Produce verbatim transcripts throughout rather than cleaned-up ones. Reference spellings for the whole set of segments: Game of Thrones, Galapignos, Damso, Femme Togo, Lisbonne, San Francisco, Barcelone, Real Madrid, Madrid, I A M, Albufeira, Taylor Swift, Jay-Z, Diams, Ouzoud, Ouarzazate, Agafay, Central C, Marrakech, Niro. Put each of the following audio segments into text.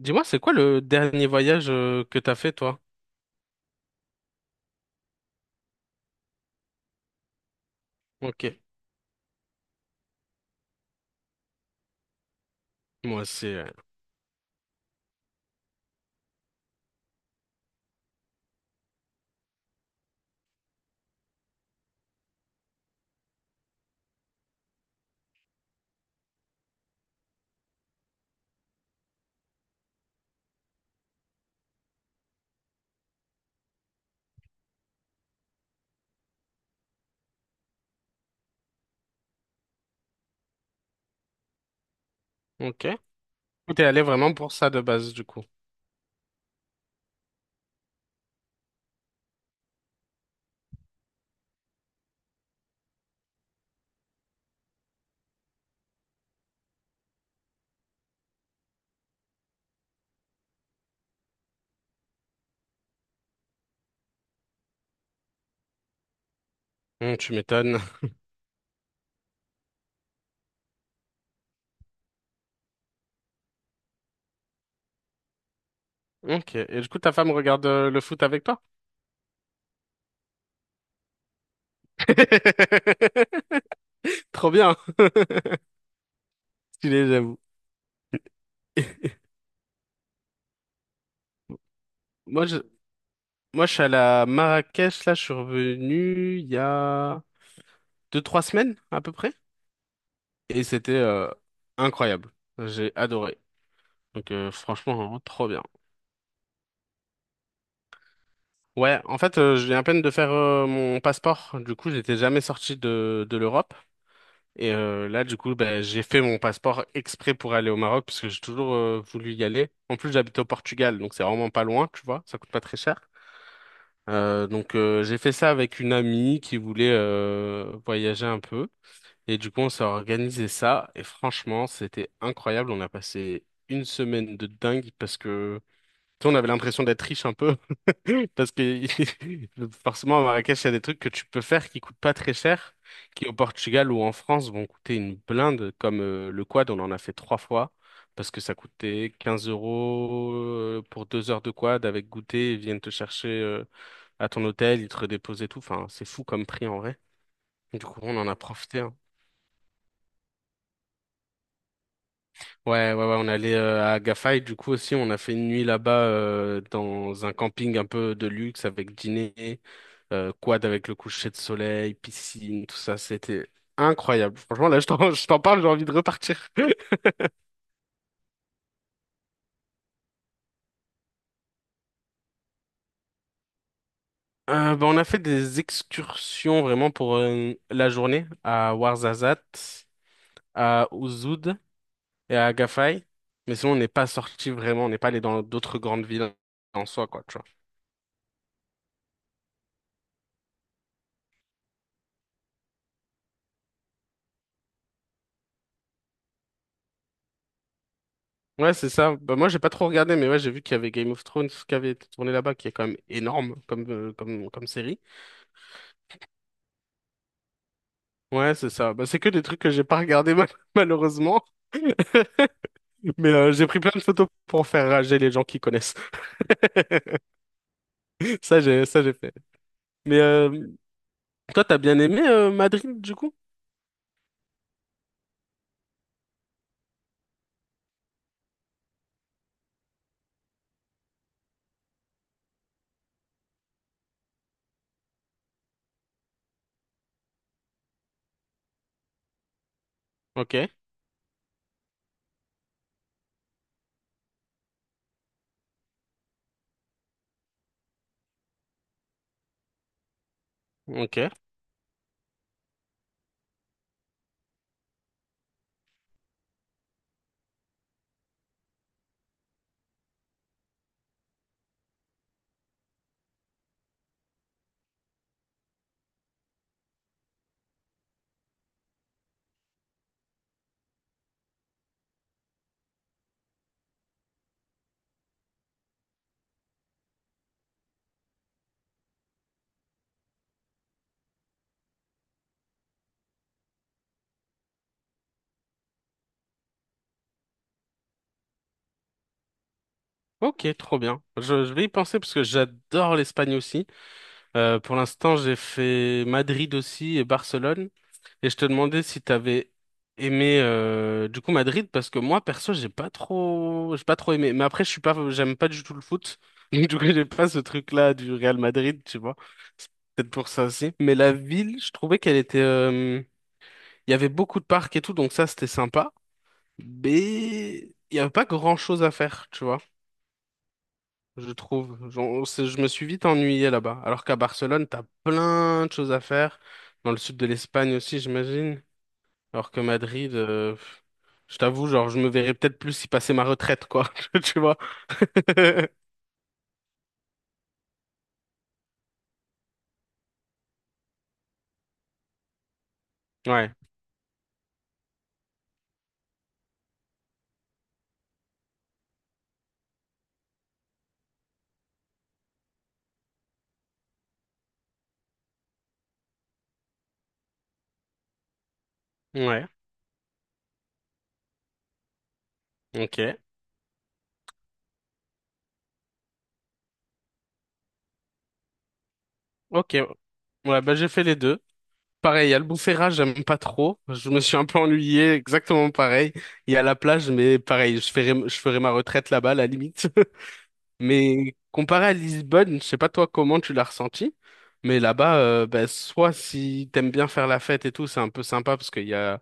Dis-moi, c'est quoi le dernier voyage euh, que t'as fait, toi? Ok. Moi aussi, ouais. Ok. T'es allé vraiment pour ça de base, du coup. Hum, tu m'étonnes. Ok. Et du coup, ta femme regarde euh, le foot avec toi? Trop bien. Stylé, j'avoue. Moi, je, moi, je suis allé à Marrakech, là, je suis revenu il y a deux, trois semaines, à peu près. Et c'était euh, incroyable. J'ai adoré. Donc, euh, franchement, trop bien. Ouais, en fait, euh, je viens à peine de faire euh, mon passeport. Du coup, j'étais jamais sorti de, de l'Europe. Et euh, là, du coup, ben, j'ai fait mon passeport exprès pour aller au Maroc parce que j'ai toujours euh, voulu y aller. En plus, j'habite au Portugal, donc c'est vraiment pas loin, tu vois. Ça coûte pas très cher. Euh, donc, euh, j'ai fait ça avec une amie qui voulait euh, voyager un peu. Et du coup, on s'est organisé ça. Et franchement, c'était incroyable. On a passé une semaine de dingue parce que, tu sais, on avait l'impression d'être riche un peu. Parce que forcément, à Marrakech, il y a des trucs que tu peux faire qui coûtent pas très cher, qui au Portugal ou en France vont coûter une blinde, comme euh, le quad, on en a fait trois fois, parce que ça coûtait quinze euros euh, pour deux heures de quad avec goûter, ils viennent te chercher euh, à ton hôtel, ils te redéposent et tout. Enfin, c'est fou comme prix en vrai. Du coup, on en a profité, hein. Ouais, ouais, ouais, on est allé euh, à Agafay, du coup aussi, on a fait une nuit là-bas euh, dans un camping un peu de luxe avec dîner. euh, quad avec le coucher de soleil, piscine, tout ça, c'était incroyable. Franchement, là, je t'en, je t'en parle, j'ai envie de repartir. Euh, bah, on a fait des excursions vraiment pour euh, la journée à Ouarzazate, à Ouzoud et à Agafay. Mais sinon, on n'est pas sorti vraiment, on n'est pas allé dans d'autres grandes villes en soi, quoi, tu vois. Ouais, c'est ça. Bah, moi, j'ai pas trop regardé, mais ouais, j'ai vu qu'il y avait Game of Thrones qui avait été tourné là-bas, qui est quand même énorme comme, euh, comme, comme série. Ouais, c'est ça. Bah, c'est que des trucs que j'ai pas regardé mal- malheureusement. Mais euh, j'ai pris plein de photos pour faire rager les gens qui connaissent. Ça, j'ai, ça, j'ai fait. Mais euh, toi, t'as bien aimé euh, Madrid, du coup? Ok, ok, ok, trop bien. Je, je vais y penser parce que j'adore l'Espagne aussi. Euh, pour l'instant, j'ai fait Madrid aussi et Barcelone. Et je te demandais si t'avais aimé euh, du coup Madrid, parce que moi perso j'ai pas trop j'ai pas trop aimé, mais après je suis pas j'aime pas du tout le foot du coup j'ai pas ce truc là du Real Madrid, tu vois, c'est peut-être pour ça aussi. Mais la ville, je trouvais qu'elle était euh, il y avait beaucoup de parcs et tout, donc ça c'était sympa, mais il y avait pas grand chose à faire, tu vois, je trouve. J'en- c'est- je me suis vite ennuyé là-bas, alors qu'à Barcelone t'as plein de choses à faire dans le sud de l'Espagne aussi, j'imagine. Alors que Madrid, euh, pff, je t'avoue, genre, je me verrais peut-être plus y passer ma retraite, quoi. Tu vois? Ouais. Ouais. Ok. Ok. Ouais, bah, j'ai fait les deux. Pareil, il y a le Albufeira, j'aime pas trop. Je me suis un peu ennuyé, exactement pareil. Il y a la plage, mais pareil, je ferai, je ferai ma retraite là-bas, à la limite. Mais comparé à Lisbonne, je sais pas toi comment tu l'as ressenti, mais là-bas, euh, bah, soit si t'aimes bien faire la fête et tout, c'est un peu sympa parce qu'il y a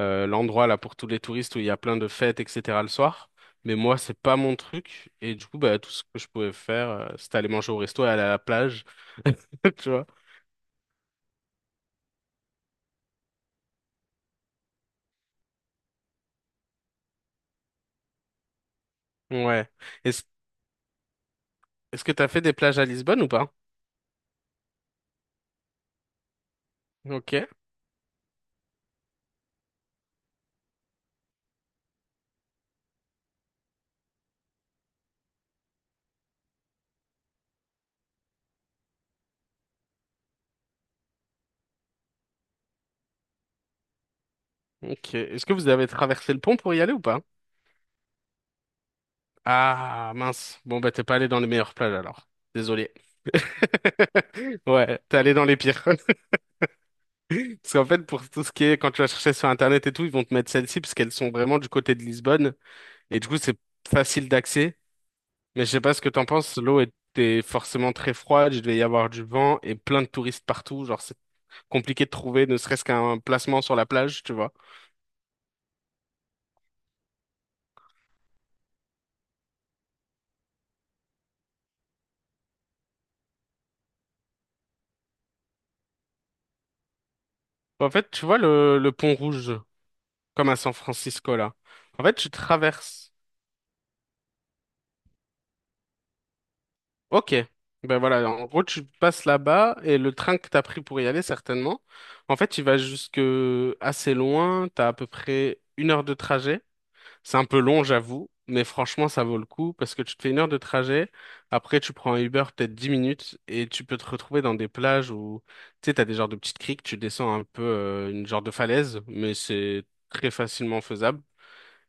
euh, l'endroit là pour tous les touristes où il y a plein de fêtes, et cætera le soir. Mais moi, c'est pas mon truc. Et du coup, bah, tout ce que je pouvais faire, euh, c'était aller manger au resto et aller à la plage. Tu vois? Ouais. Est-ce, est-ce que t'as fait des plages à Lisbonne ou pas? Ok. Ok. Est-ce que vous avez traversé le pont pour y aller ou pas? Ah, mince. Bon, bah, t'es pas allé dans les meilleures plages alors. Désolé. Ouais, t'es allé dans les pires. Parce qu'en fait, pour tout ce qui est, quand tu vas chercher sur Internet et tout, ils vont te mettre celles-ci parce qu'elles sont vraiment du côté de Lisbonne. Et du coup, c'est facile d'accès. Mais je sais pas ce que t'en penses. L'eau était forcément très froide. Il devait y avoir du vent et plein de touristes partout. Genre, c'est compliqué de trouver ne serait-ce qu'un placement sur la plage, tu vois. En fait, tu vois le, le pont rouge, comme à San Francisco, là. En fait, tu traverses. Ok. Ben voilà, en gros, tu passes là-bas et le train que t'as pris pour y aller, certainement. En fait, il va jusque assez loin. T'as à peu près une heure de trajet. C'est un peu long, j'avoue, mais franchement, ça vaut le coup parce que tu te fais une heure de trajet. Après, tu prends un Uber peut-être dix minutes et tu peux te retrouver dans des plages où, tu sais, t'as des genres de petites criques, tu descends un peu euh, une genre de falaise, mais c'est très facilement faisable.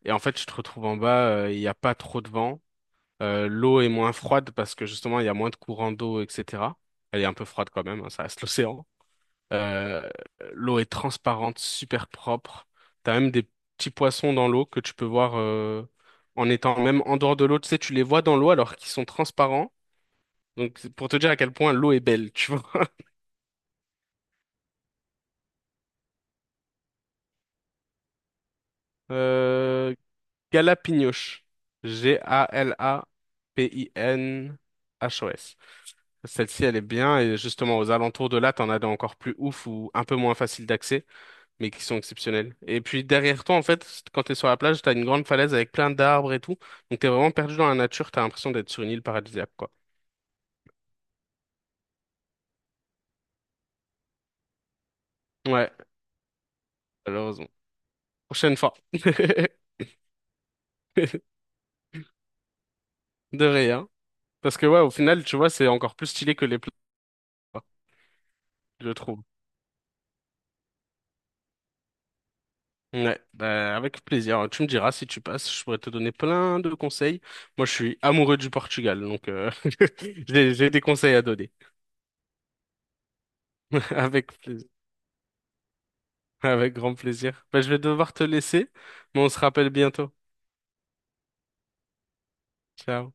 Et en fait, tu te retrouves en bas, euh, il n'y a pas trop de vent. Euh, l'eau est moins froide parce que justement, il y a moins de courant d'eau, et cætera. Elle est un peu froide quand même, hein, ça reste l'océan. Euh, l'eau est transparente, super propre. T'as même des petits poissons dans l'eau que tu peux voir euh, en étant même en dehors de l'eau. Tu sais, tu les vois dans l'eau alors qu'ils sont transparents. Donc, c'est pour te dire à quel point l'eau est belle, tu vois. Euh, Galapignos. G A L A P I N H O S. Celle-ci, elle est bien. Et justement, aux alentours de là, t'en as des encore plus ouf ou un peu moins facile d'accès, mais qui sont exceptionnels. Et puis derrière toi, en fait, c- quand t'es sur la plage, t'as une grande falaise avec plein d'arbres et tout. Donc t'es vraiment perdu dans la nature, t'as l'impression d'être sur une île paradisiaque, quoi. Ouais, malheureusement. Prochaine fois. De rien. Parce que ouais, au final, tu vois, c'est encore plus stylé que les plages, quoi, je trouve. Ouais, bah, avec plaisir. Tu me diras si tu passes, je pourrais te donner plein de conseils. Moi, je suis amoureux du Portugal, donc euh, j'ai j'ai des conseils à donner. Avec plaisir. Avec grand plaisir. Bah, je vais devoir te laisser, mais on se rappelle bientôt. Ciao.